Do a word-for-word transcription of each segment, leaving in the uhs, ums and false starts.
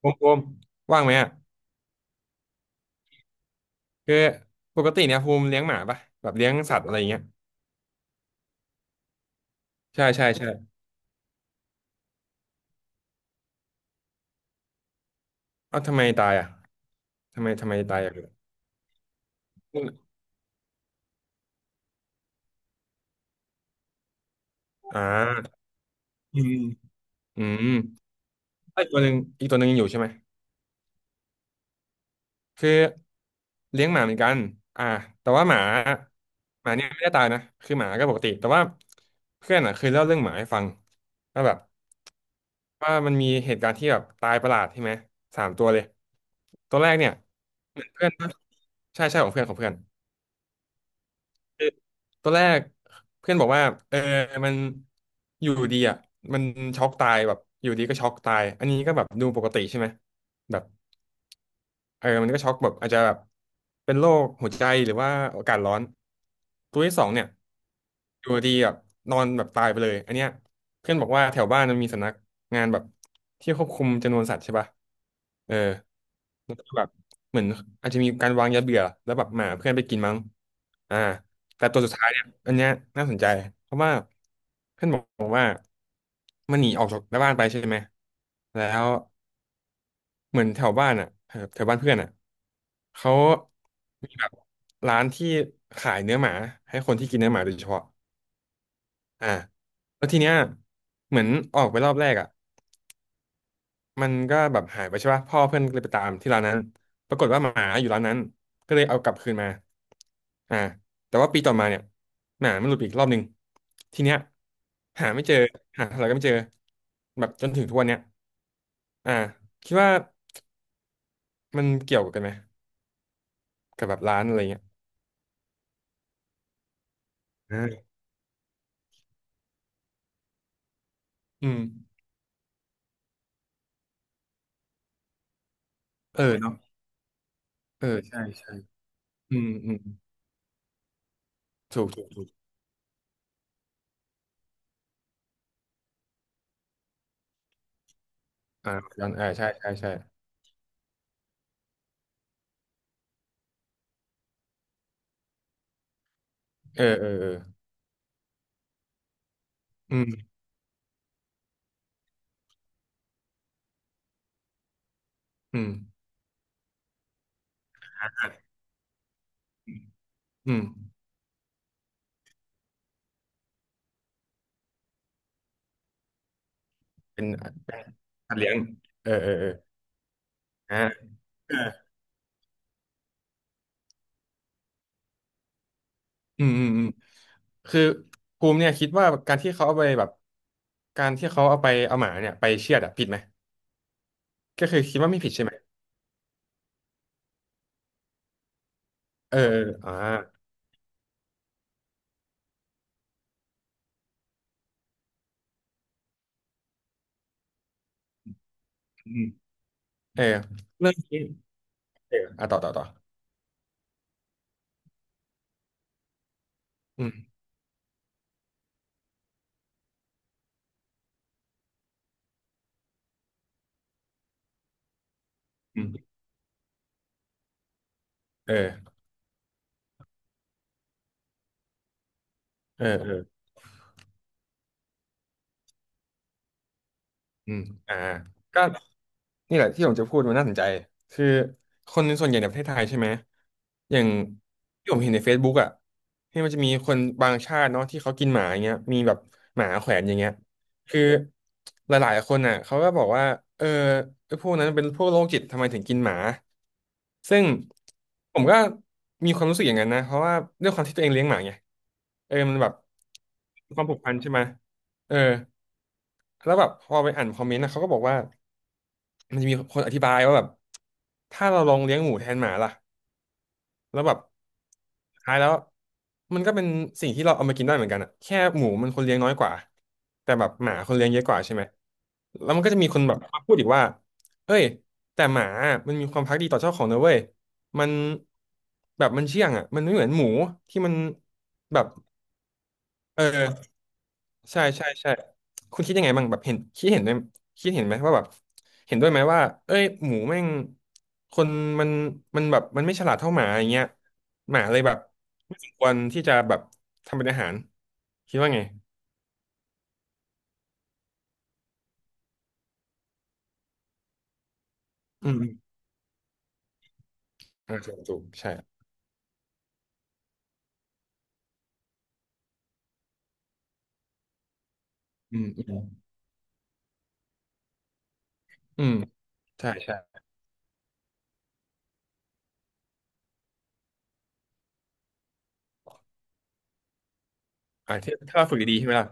ภูมิภูมิว่างไหมอ่ะคือปกติเนี่ยภูมิเลี้ยงหมาปะแบบเลี้ยงสัตว์อะไรอย่างเงี้ยใช่ใช่ใช่เอ้าทำไมตายอ่ะทำไมทำไมตายอ่ะอ่าอืมอืมไอ้ตัวหนึ่งอีกตัวหนึ่งยังอยู่ใช่ไหมคือเลี้ยงหมาเหมือนกันอ่าแต่ว่าหมาหมาเนี่ยไม่ได้ตายนะคือหมาก็ปกติแต่ว่าเพื่อนอ่ะเคยเล่าเรื่องหมาให้ฟังว่าแบบว่ามันมีเหตุการณ์ที่แบบตายประหลาดใช่ไหมสามตัวเลยตัวแรกเนี่ยเหมือนเพื่อนปะใช่ใช่ของเพื่อนของเพื่อน คือตอนแรกเพื่อนบอกว่าเออมันอยู่ดีอ่ะมันช็อกตายแบบอยู่ดีก็ช็อกตายอันนี้ก็แบบดูปกติใช่ไหมแบบ เออมันก็ช็อกแบบอาจจะแบบเป็นโรคหัวใจหรือว่าอากาศร้อนตัวที่สองเนี่ยอยู่ดีแบบนอนแบบตายไปเลยอันเนี้ยเพื่อนบอกว่าแถวบ้านมันมีสำนักงานแบบที่ควบคุมจำนวนสัตว์ใช่ป่ะเออแล้วก็แบบเหมือนอาจจะมีการวางยาเบื่อแล้วแบบหมาเพื่อนไปกินมั้งอ่าแต่ตัวสุดท้ายเนี่ยอันเนี้ยน่าสนใจเพราะว่าเพื่อนบอกว่ามันหนีออกจากหน้าบ้านไปใช่ไหมแล้ว เหมือนแถวบ้านอ่ะแถวแถวบ้านเพื่อนอ่ะเขามีแบบร้านที่ขายเนื้อหมาให้คนที่กินเนื้อหมาโดยเฉพาะอ่าแล้วทีเนี้ยเหมือนออกไปรอบแรกอ่ะมันก็แบบหายไปใช่ป่ะพ่อเพื่อนก็เลยไปตามที่ร้านนั้นปรากฏว่าหมาอยู่ร้านนั้นก็เลยเอากลับคืนมาอ่าแต่ว่าปีต่อมาเนี่ยหมามันหลุดไปอีกรอบหนึ่งทีเนี้ยหาไม่เจอหาเท่าไหร่ก็ไม่เจอแบบจนถึงทุกวันเนี้ยอ่าคิดว่ามันเกี่ยวกันไหมกับแบบร้านอะไรเงี้ย เอออืมเออเนาะเออใช่ใช่อืมอืมถูกถูกถูกอ่าย้อนเออใช่ใช่ใช่เออเออเอออืมอืมอ่าอืมเป็นเป็นสัตว์เลี้ยงเออเออเอออ่าเอออืมอืมอืมคือภูมิเนี่ยคิดว่าการที่เขาเอาไปแบบการที่เขาเอาไปเอาหมาเนี่ยไปเชือดอะผิดไหม ก็คือคิดว่าไม่ผิดใช่ไหมเออเอออ่าอืมเออเรื่องนี้เอออ่ะต่อต่อต่ออืมอืมเออเออเออ อืมอ่าก็นี่แหละที่ผมจะพูดมันน่าสนใจคือคนส่วนใหญ่ในประเทศไทยใช่ไหมอย่างที่ผมเห็นใน Facebook อ่ะที่มันจะมีคนบางชาติเนาะที่เขากินหมาอย่างเงี้ยมีแบบหมาแขวนอย่างเงี้ยคือหลายๆคนอ่ะเขาก็บอกว่าเออไอ้พวกนั้นเป็นพวกโรคจิตทำไมถึงกินหมาซึ่งผมก็มีความรู้สึกอย่างนั้นนะเพราะว่าด้วยความที่ตัวเองเลี้ยงหมาไงเออมันแบบมีความผูกพันใช่ไหมเออ แล้วแบบพอไปอ่านคอมเมนต์นะเขาก็บอกว่ามันจะมีคนอธิบายว่าแบบถ้าเราลองเลี้ยงหมูแทนหมาล่ะแล้วแบบสุดท้ายแล้วมันก็เป็นสิ่งที่เราเอามากินได้เหมือนกันอะแค่หมูมันคนเลี้ยงน้อยกว่าแต่แบบหมาคนเลี้ยงเยอะกว่าใช่ไหมแล้วมันก็จะมีคนแบบมาพูดอีกว่าเอ้ยแต่หมามันมีความภักดีต่อเจ้าของนะเว้ยมันแบบมันเชื่องอ่ะมันไม่เหมือนหมูที่มันแบบเออ ใช่ใช่ใช่คุณคิดยังไงบ้างแบบเห็นคิดเห็นด้วยคิดเห็นไหมว่าแบบเห็นด้วยไหมว่าเอ้ยหมูแม่งคนมันมันแบบมันไม่ฉลาดเท่าหมาอย่างเงี้ยหมาเลยแบบไม่สมควรที่จะแบบทำเป็นอาหารคิดว่าไงอืมอืมอ่าถูกถูกใช่อืมอืมอืมใช่ใช่อ่าถ้าถ้าเราฝึกดีๆใช่ไหมล่ะ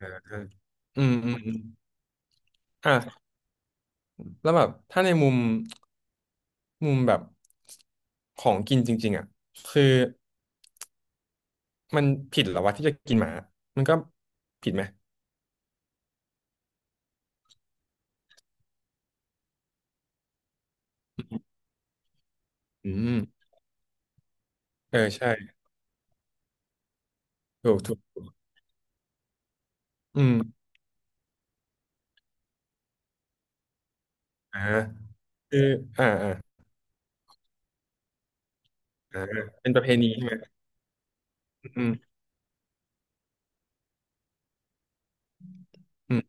อ่าอ่าอืมอืมอืมอ่าแล้วแบบถ้าในมุมมุมแบบของกินจริงๆอ่ะคือ มันผิดเหรอวะที่จะกินหมา มันก็ผิดไหมอืมเออใช่ ถูกถูกถูกอืมอ่าคืออ่าอ่าอ่าเป็นประเพณีใช่ไหม อืมอืม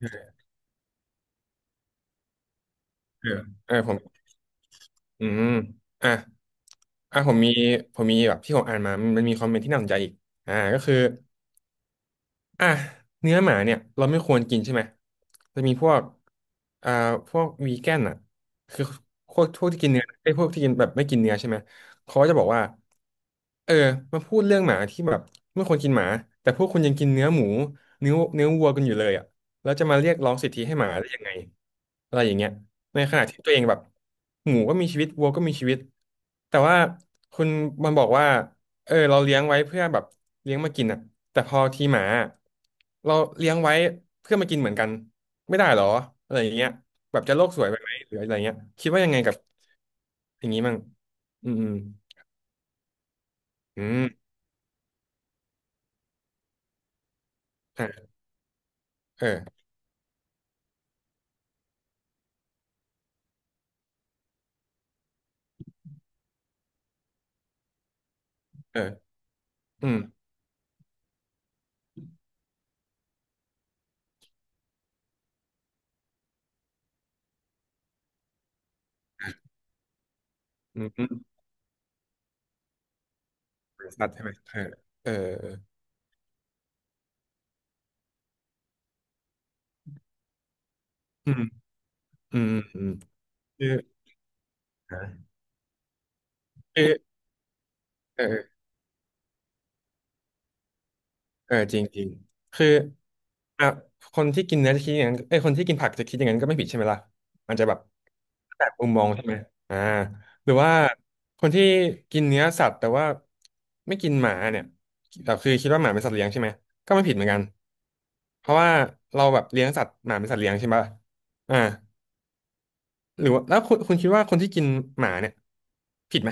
เออเออเออผมอืมอ่ะอ่ะผมมีผมมีแบบที่ผมอ่านมามันมีคอมเมนต์ที่น่าสนใจอีกอ่าก็คือ อ่ะเนื้อหมาเนี่ยเราไม่ควรกินใช่ไหมจะมีพวกอ่าพวกวีแกนอ่ะคือพวกพวกที่กินเนื้อไอ้ยพวกที่กินแบบไม่กินเนื้อใช่ไหมเขาก็จะบอกว่าเออมาพูดเรื่องหมาที่แบบไม่ควรกินหมาแต่พวกคุณยังกินเนื้อหมูเนื้อเนื้อวัวกันอยู่เลยอ่ะแล้วจะมาเรียกร้องสิทธิให้หมาได้ยังไงอะไรอย่างเงี้ยในขณะที่ตัวเองแบบหมูก็มีชีวิตวัวก็มีชีวิตแต่ว่าคุณมันบอกว่า เออเราเลี้ยงไว้เพื่อแบบเลี้ยงมากินอ่ะแต่พอทีหมาเราเลี้ยงไว้เพื่อมากินเหมือนกันไม่ได้หรออะไรอย่างเงี้ยแบบจะโลกสวยไปไหมหรืออะไรเงี้ยคิดว่ายังไงกับอย่างนี้มั่งอืมอืมอืมอ่ะเออเอออืมอืมอืมสัตว์ใช่ไหมเออเอออืมอืมอืมคืออ่ะคือเออเออจริงจริงคืออ่ะคนที่กินเนื้อจะคิดอย่างนั้นเอ้ยคนที่กินผักจะคิดอย่างนั้นก็ไม่ผิดใช่ไหมล่ะมันจะแบบ จากมุมมองใช่ไหมอ่าหรือว่าคนที่กินเนื้อสัตว์แต่ว่าไม่กินหมาเนี่ยแต่คือคิดว่าหมาเป็นสัตว์เลี้ยงใช่ไหมก็ไม่ผิดเหมือนกันเพราะว่าเราแบบเลี้ยงสัตว์หมาเป็นสัตว์เลี้ยงใช่ไหมอ่าหรือว่าแล้วคุณคุณคิดว่าคนที่กินหมาเนี่ยผิดไหม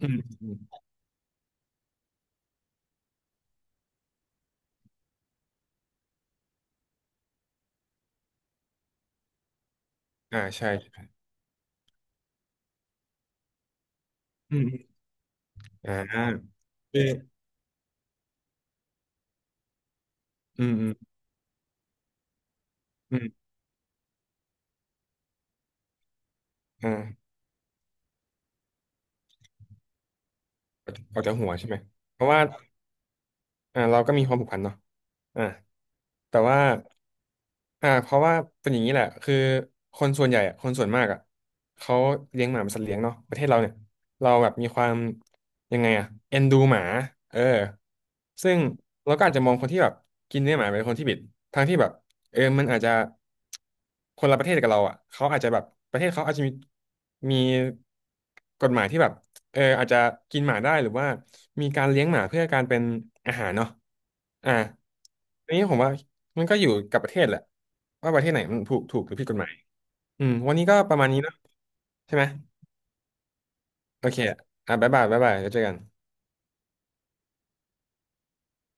อืมอืมอ่าใช่อืมอืมอ่าคืออืมอืมอืมอ่าออกจากหัวใช่ไหมเพราะว่าอ่าเราก็มีความผูกพันเนาะอ่า แต่ว่าอ่าเพราะว่าเป็นอย่างนี้แหละคือคนส่วนใหญ่อะคนส่วนมากอ่ะเขาเลี้ยงหมาเป็นสัตว์เลี้ยงเนาะประเทศเราเนี่ยเราแบบมีความยังไงอ่ะเอ็นดูหมาเออซึ่งเราก็อาจจะมองคนที่แบบกินเนื้อหมาเป็นคนที่ผิดทั้งที่แบบเออมันอาจจะคนละประเทศกับเราอ่ะเขาอาจจะแบบประเทศเขาอาจจะมีมีกฎหมายที่แบบ เอออาจจะกินหมาได้หรือว่ามีการเลี้ยงหมาเพื่อการเป็นอาหารเนาะอ่าอันนี้ผมว่ามันก็อยู่กับประเทศแหละว่าประเทศไหนมันถูกถูกหรือผิดกฎหมายอืมวันนี้ก็ประมาณนี้เนาะใช่ไหมโอเคอ่ะบ๊ายบายบ๊ายบายแล้วเจอกัน